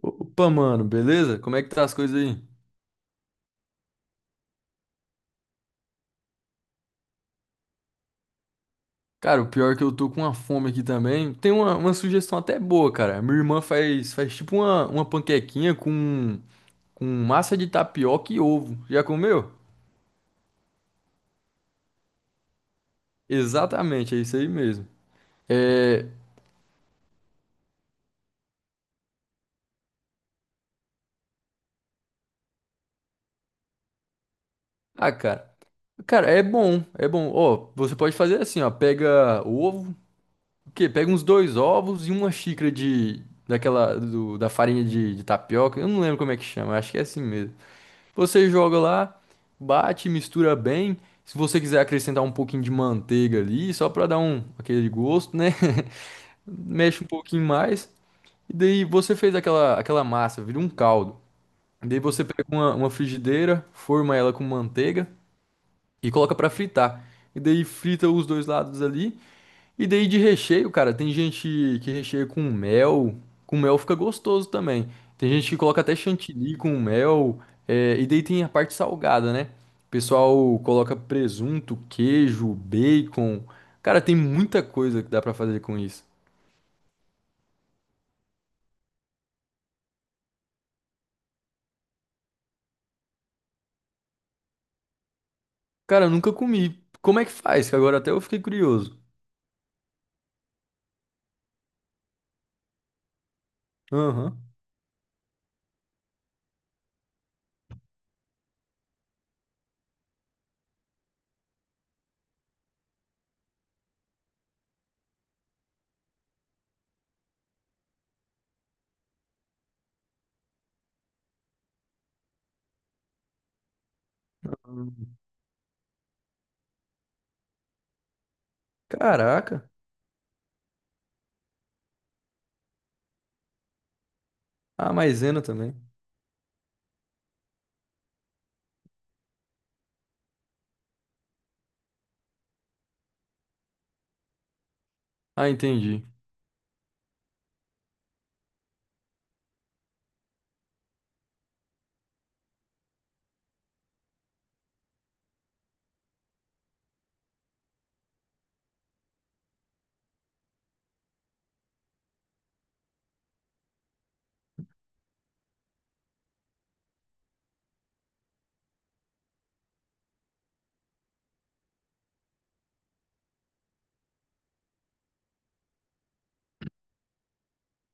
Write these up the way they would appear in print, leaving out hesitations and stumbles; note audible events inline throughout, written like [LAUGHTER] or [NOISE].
Opa, mano, beleza? Como é que tá as coisas aí? Cara, o pior é que eu tô com uma fome aqui também. Tem uma sugestão até boa, cara. Minha irmã faz tipo uma panquequinha com massa de tapioca e ovo. Já comeu? Exatamente, é isso aí mesmo. É. Ah, cara. Cara, é bom. Ó, você pode fazer assim, ó. Pega o ovo, o quê? Pega uns dois ovos e uma xícara de. Daquela. Da farinha de tapioca. Eu não lembro como é que chama, acho que é assim mesmo. Você joga lá, bate, mistura bem. Se você quiser acrescentar um pouquinho de manteiga ali, só para dar um aquele gosto, né? [LAUGHS] Mexe um pouquinho mais. E daí você fez aquela massa, vira um caldo. E daí você pega uma frigideira, forma ela com manteiga e coloca para fritar. E daí frita os dois lados ali. E daí de recheio, cara, tem gente que recheia com mel. Com mel fica gostoso também. Tem gente que coloca até chantilly com mel. É, e daí tem a parte salgada, né? O pessoal coloca presunto, queijo, bacon. Cara, tem muita coisa que dá pra fazer com isso. Cara, eu nunca comi. Como é que faz? Que agora até eu fiquei curioso. Aham. Hum. Caraca. A maisena também. Ah, entendi.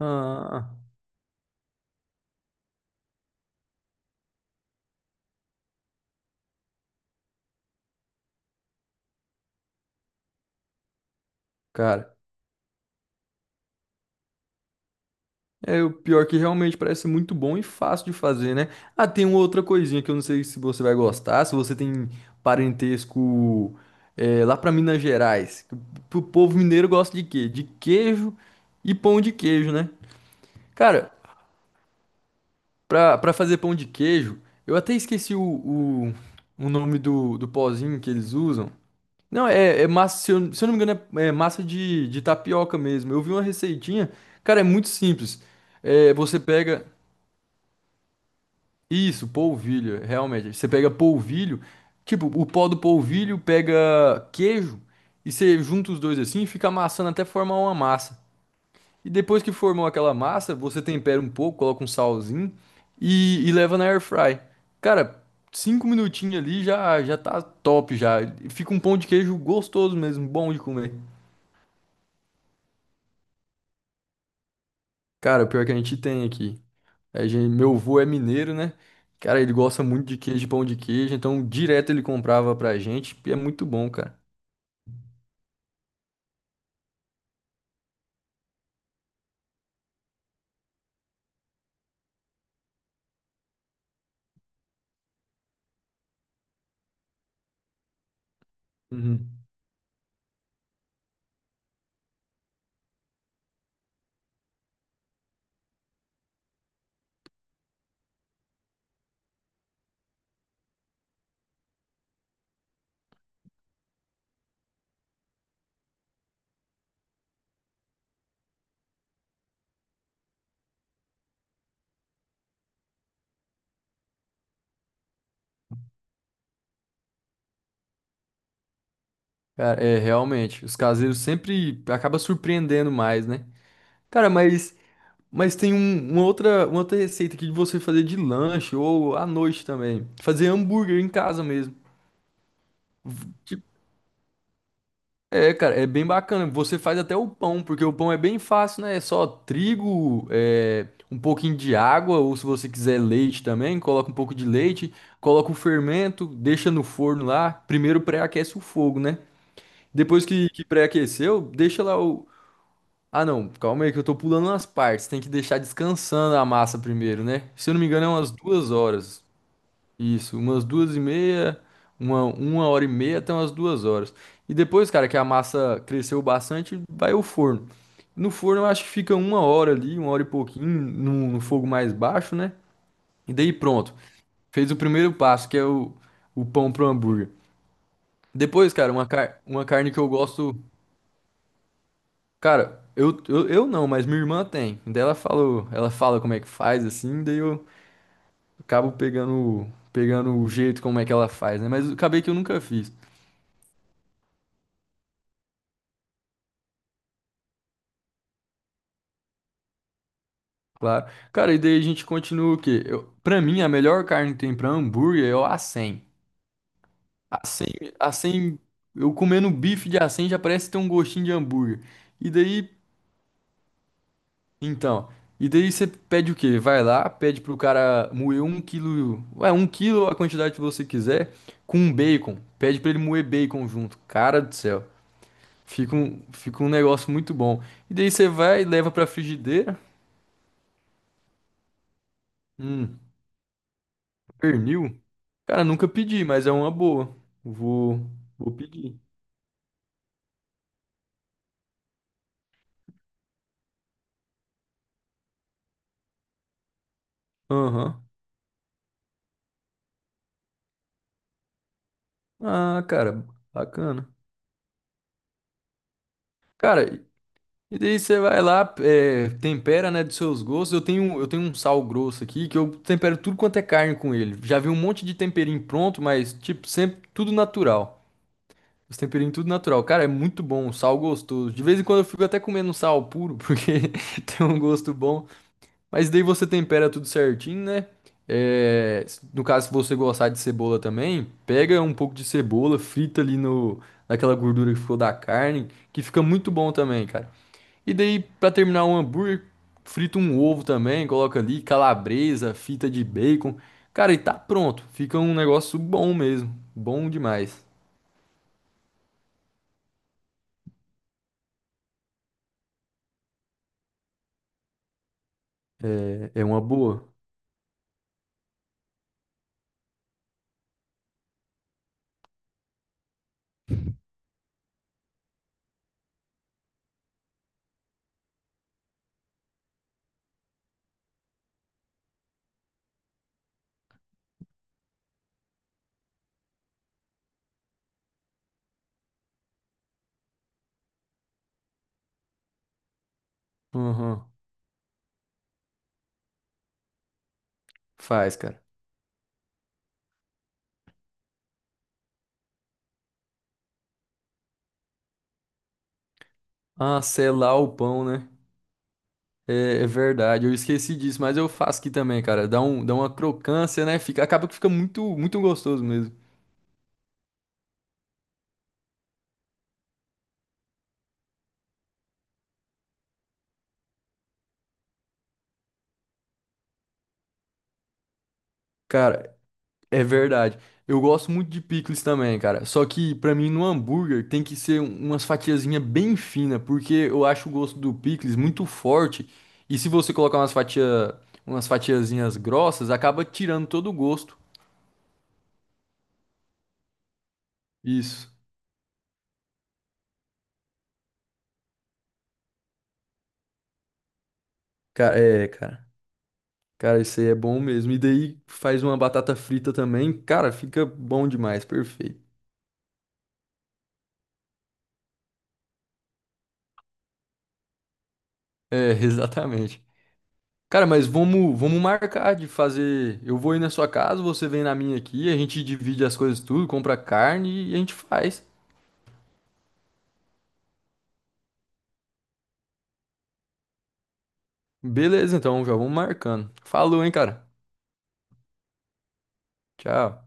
Ah, ah, ah. Cara. É o pior que realmente parece muito bom e fácil de fazer, né? Ah, tem uma outra coisinha que eu não sei se você vai gostar, se você tem parentesco é, lá pra Minas Gerais. Que o povo mineiro gosta de quê? De queijo e pão de queijo, né? Cara, pra fazer pão de queijo, eu até esqueci o, o nome do pozinho que eles usam. Não, é, é massa, se eu não me engano, é massa de tapioca mesmo. Eu vi uma receitinha, cara, é muito simples. É, você pega. Isso, polvilho, realmente. Você pega polvilho, tipo, o pó do polvilho pega queijo e você junta os dois assim e fica amassando até formar uma massa. E depois que formou aquela massa, você tempera um pouco, coloca um salzinho e leva na air fry. Cara, cinco minutinhos ali já tá top já. Fica um pão de queijo gostoso mesmo, bom de comer. Cara, o pior é que a gente tem aqui. É, gente, meu avô é mineiro, né? Cara, ele gosta muito de queijo, pão de queijo, então direto ele comprava pra gente, e é muito bom, cara. Uhum. Cara, é, realmente, os caseiros sempre acaba surpreendendo mais, né? Cara, mas tem uma outra receita aqui de você fazer de lanche ou à noite também. Fazer hambúrguer em casa mesmo. Tipo, é, cara, é bem bacana. Você faz até o pão, porque o pão é bem fácil, né? É só trigo, é, um pouquinho de água, ou se você quiser leite também, coloca um pouco de leite, coloca o fermento, deixa no forno lá. Primeiro pré-aquece o fogo, né? Depois que pré-aqueceu, deixa lá o. Ah, não, calma aí que eu tô pulando umas partes. Tem que deixar descansando a massa primeiro, né? Se eu não me engano, é umas duas horas. Isso, umas duas e meia, uma hora e meia até umas duas horas. E depois, cara, que a massa cresceu bastante, vai ao forno. No forno eu acho que fica uma hora ali, uma hora e pouquinho, no fogo mais baixo, né? E daí pronto. Fez o primeiro passo, que é o pão pro hambúrguer. Depois, cara, uma, car uma carne que eu gosto. Cara, eu não, mas minha irmã tem. Daí ela falou, ela fala como é que faz, assim, daí eu acabo pegando, pegando o jeito como é que ela faz, né? Mas acabei que eu nunca fiz. Claro. Cara, e daí a gente continua o quê? Eu, pra mim, a melhor carne que tem pra hambúrguer é o acém. Acém, acém, eu comendo bife de acém já parece ter um gostinho de hambúrguer. E daí, então, e daí você pede o quê? Vai lá, pede pro cara moer um quilo, ué, um quilo a quantidade que você quiser, com um bacon. Pede pra ele moer bacon junto. Cara do céu, fica um negócio muito bom. E daí você vai, leva pra frigideira, hum, pernil. Cara, nunca pedi, mas é uma boa. Vou, vou pedir. Aham. Ah, cara, bacana. Cara, e daí você vai lá, é, tempera, né, dos seus gostos. Eu tenho um sal grosso aqui que eu tempero tudo quanto é carne com ele. Já vi um monte de temperinho pronto, mas, tipo, sempre tudo natural. Os temperinhos tudo natural. Cara, é muito bom, um sal gostoso. De vez em quando eu fico até comendo um sal puro, porque [LAUGHS] tem um gosto bom. Mas daí você tempera tudo certinho, né? É, no caso, se você gostar de cebola também, pega um pouco de cebola, frita ali no, naquela gordura que ficou da carne, que fica muito bom também, cara. E daí, pra terminar um hambúrguer, frita um ovo também, coloca ali calabresa, fita de bacon. Cara, e tá pronto. Fica um negócio bom mesmo. Bom demais. É, é uma boa. Aham. Faz, cara. Ah, selar o pão, né? É, é verdade, eu esqueci disso, mas eu faço aqui também, cara. Dá uma crocância, né? Fica, acaba que fica muito gostoso mesmo. Cara, é verdade. Eu gosto muito de picles também, cara. Só que pra mim no hambúrguer tem que ser umas fatiazinhas bem finas, porque eu acho o gosto do picles muito forte. E se você colocar umas fatiazinhas grossas, acaba tirando todo o gosto. Isso. Cara, é, cara. Cara, isso aí é bom mesmo. E daí faz uma batata frita também. Cara, fica bom demais, perfeito. É, [LAUGHS] exatamente. Cara, mas vamos marcar de fazer. Eu vou ir na sua casa, você vem na minha aqui, a gente divide as coisas tudo, compra carne e a gente faz. Beleza, então, já vamos marcando. Falou, hein, cara. Tchau.